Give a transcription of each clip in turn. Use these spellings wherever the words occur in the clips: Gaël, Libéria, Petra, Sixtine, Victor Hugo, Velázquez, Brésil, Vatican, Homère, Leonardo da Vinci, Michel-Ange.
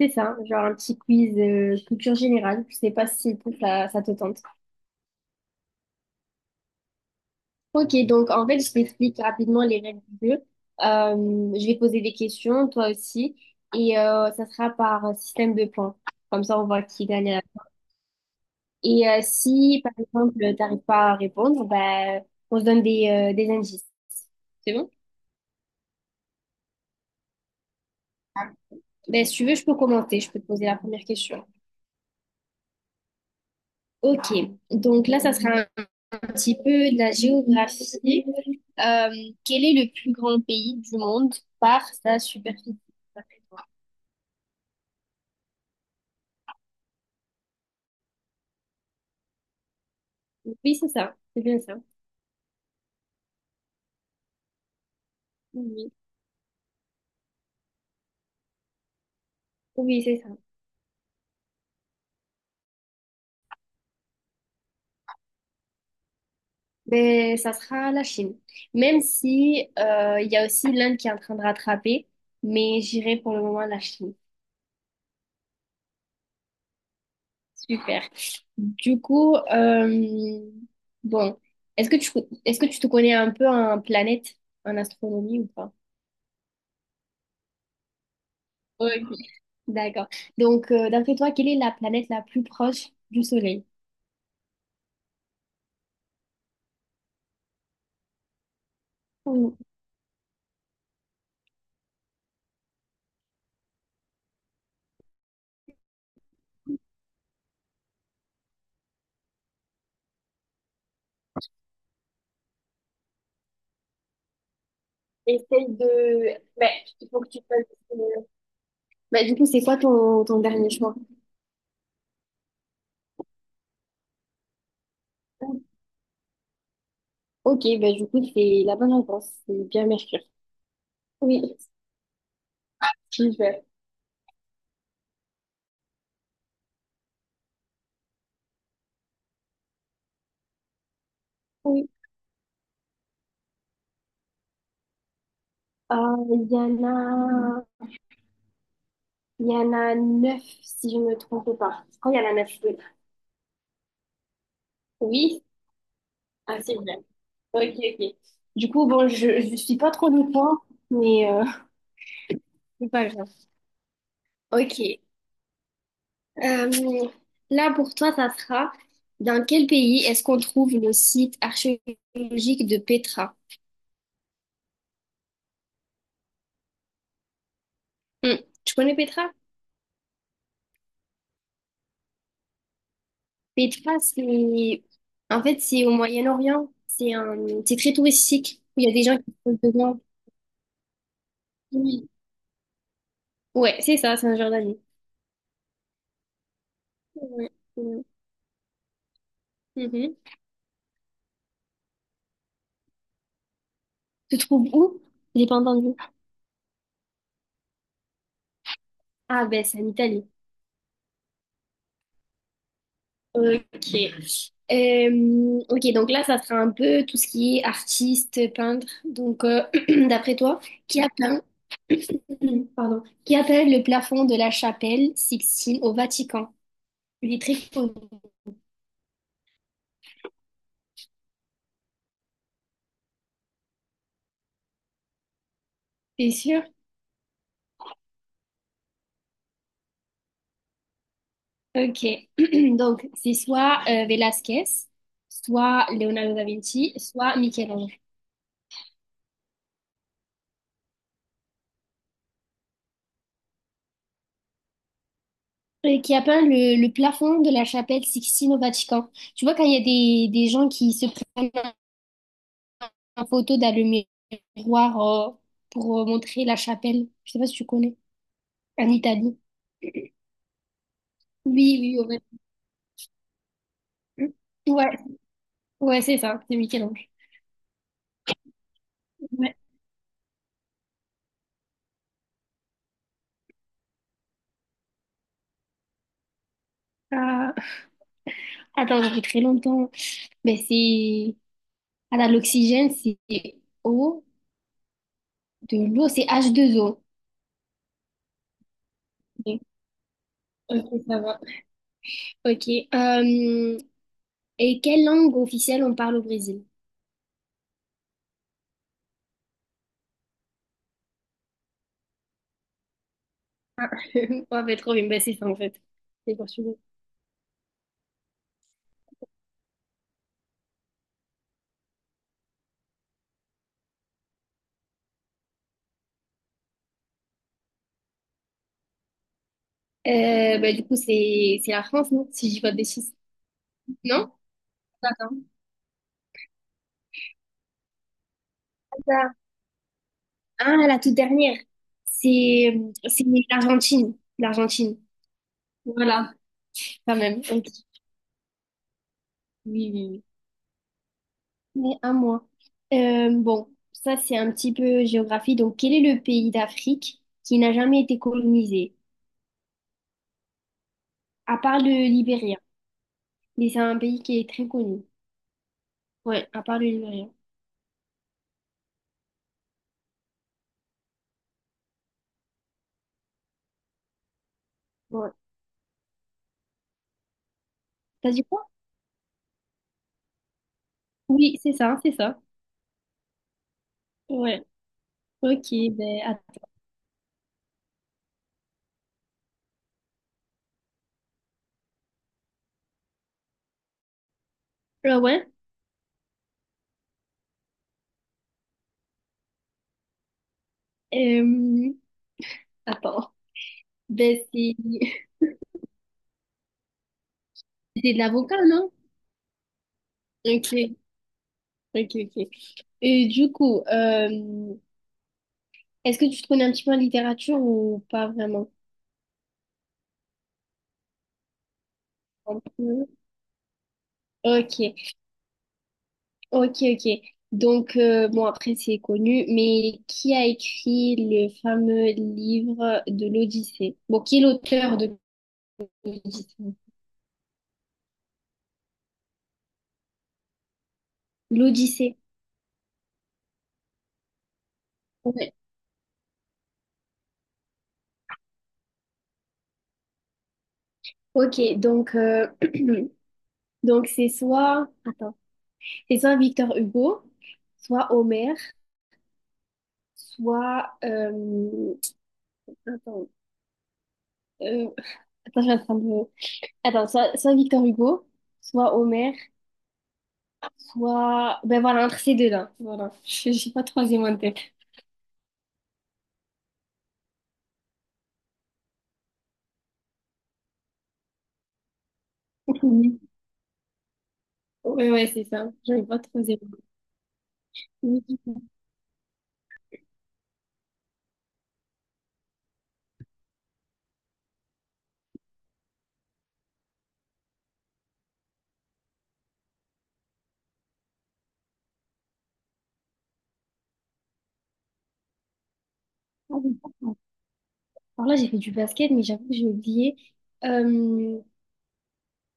C'est ça, genre un petit quiz culture générale. Je sais pas si toi, ça te tente. Ok, donc en fait, je t'explique rapidement les règles du jeu. Euh, je vais poser des questions, toi aussi, et ça sera par système de points. Comme ça, on voit qui gagne. Et si, par exemple, t'arrives pas à répondre, ben, on se donne des indices. C'est bon? Ben, si tu veux, je peux commenter, je peux te poser la première question. Ok, donc là, ça sera petit peu de la géographie. Quel est le plus grand pays du monde par sa superficie? D'après toi. Oui, c'est ça. C'est bien ça. Oui, oui, c'est ça. Mais ça sera la Chine. Même si il y a aussi l'Inde qui est en train de rattraper, mais j'irai pour le moment la Chine. Super. Du coup, bon, est-ce que tu est-ce que tu te connais un peu en planète, en astronomie ou pas? Ok. D'accord. Donc, d'après toi, quelle est la planète la plus proche du Soleil? Mm. Essaye de… Ben, il faut que tu fasses… euh, bah, du coup, c'est quoi ton dernier choix? Ok, bah, du coup, c'est la bonne réponse. C'est bien Mercure. Oui, je vais. Oui. Euh, il y en a… il y en a 9, si je ne me trompe pas. Je crois qu'il y en a 9. Oui. Oui. Ah, c'est bien. Ok, ok. Du coup, bon, je ne suis pas trop de points, mais c'est pas grave. Ok. Euh, là, pour toi, ça sera dans quel pays est-ce qu'on trouve le site archéologique de Petra? Hmm, tu connais Petra? Petra, c'est en fait c'est au Moyen-Orient. C'est un… c'est très touristique. Il y a des gens qui sont dedans. Oui. Ouais, c'est ça, c'est en Jordanie. Ouais, ouais. Mhm. Tu te trouves où? J'ai pas entendu. Ah ben, c'est en Italie. Ok. Ok, donc là, ça sera un peu tout ce qui est artiste, peintre. Donc, d'après toi, qui a peint pardon, qui appelle le plafond de la chapelle Sixtine au Vatican. Il est très connu, c'est sûr? Ok. Donc, c'est soit Velázquez, soit Leonardo da Vinci, soit Michel-Ange, qui a peint le plafond de la chapelle Sixtine au Vatican. Tu vois, quand il y a des gens qui se prennent en photo dans le miroir pour montrer la chapelle, je sais pas si tu connais, en Italie. Oui, oui, au Vatican. Ouais, ouais, c'est ça, c'est Michel-Ange. Ouais. Euh, attends, ça fait très longtemps. Mais c'est. Attends, l'oxygène, c'est O, de l'eau, c'est h deux o. Ok, ok, ça va. Ok. euh, et quelle langue officielle on parle au Brésil? Ah, ouais, mais trop bien. Bah, c'est ça, en fait. C'est portugais. Bah, du coup, c'est la France, non? Si je dis pas de bêtises. Non? Attends. C'est ça. Ah, la toute dernière. C'est c'est l'Argentine. L'Argentine. Voilà, quand même. Ok. Oui, oui, oui. Mais à moi. Bon, ça c'est un petit peu géographie. Donc, quel est le pays d'Afrique qui n'a jamais été colonisé? À part le Libéria. Mais c'est un pays qui est très connu. Ouais, à part le Libéria. Ouais. T'as dit quoi? Oui, c'est ça, c'est ça. Ouais. Ok, ben attends. Ah ouais. Euh, attends. Ben c'est c'est de l'avocat, non? Ok, ok, ok. Et du coup, est-ce que tu te connais un petit peu en littérature ou pas vraiment? Un peu. Ok. Ok, ok. Donc, bon, après, c'est connu, mais qui a écrit le fameux livre de l'Odyssée? Bon, qui est l'auteur de l'Odyssée? L'Odyssée. Ouais. Ok, donc, donc c'est soit, attends, c'est soit Victor Hugo, soit Homère, soit, attends, euh, attends, je vais attendre un peu. Attends, soit Victor Hugo, soit Homère, soit, ben voilà, entre ces deux-là. Voilà, je sais pas de troisième en tête. Ouais, ouais, c'est ça. J'avais pas trop zéro. Mais du coup, alors là, j'ai fait du basket, mais j'avoue que j'ai oublié. Euh,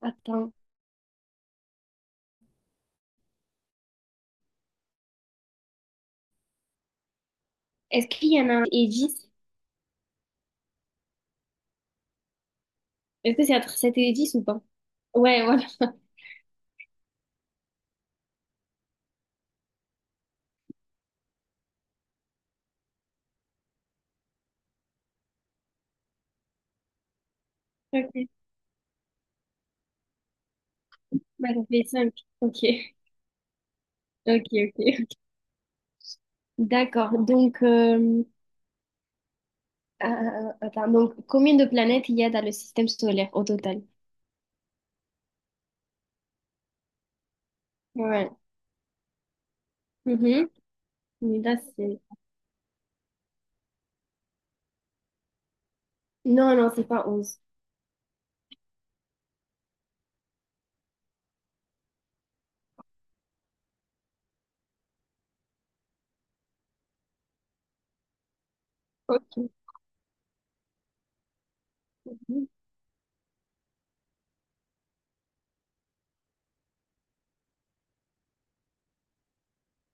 attends. Est-ce qu'il y en a un et 10? Est-ce que c'est entre 7 et 10 ou pas? Ouais, voilà. Ok. Bah, ça fait 5. Ok. Ok, ok. D'accord. Donc, attends. Donc, combien de planètes il y a dans le système solaire au total? Ouais. Mhm. Mais là, c'est. Non, non, c'est pas 11. Ok.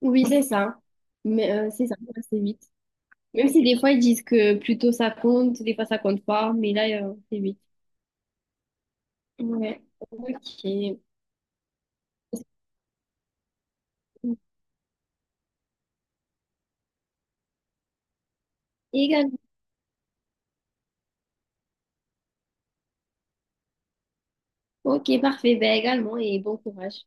Oui, c'est ça. Mais c'est ça, c'est 8. Même si des fois ils disent que plutôt ça compte, des fois ça compte pas, mais là, c'est 8. Ouais, ok. Également. Ok, parfait. Ben également, et bon courage.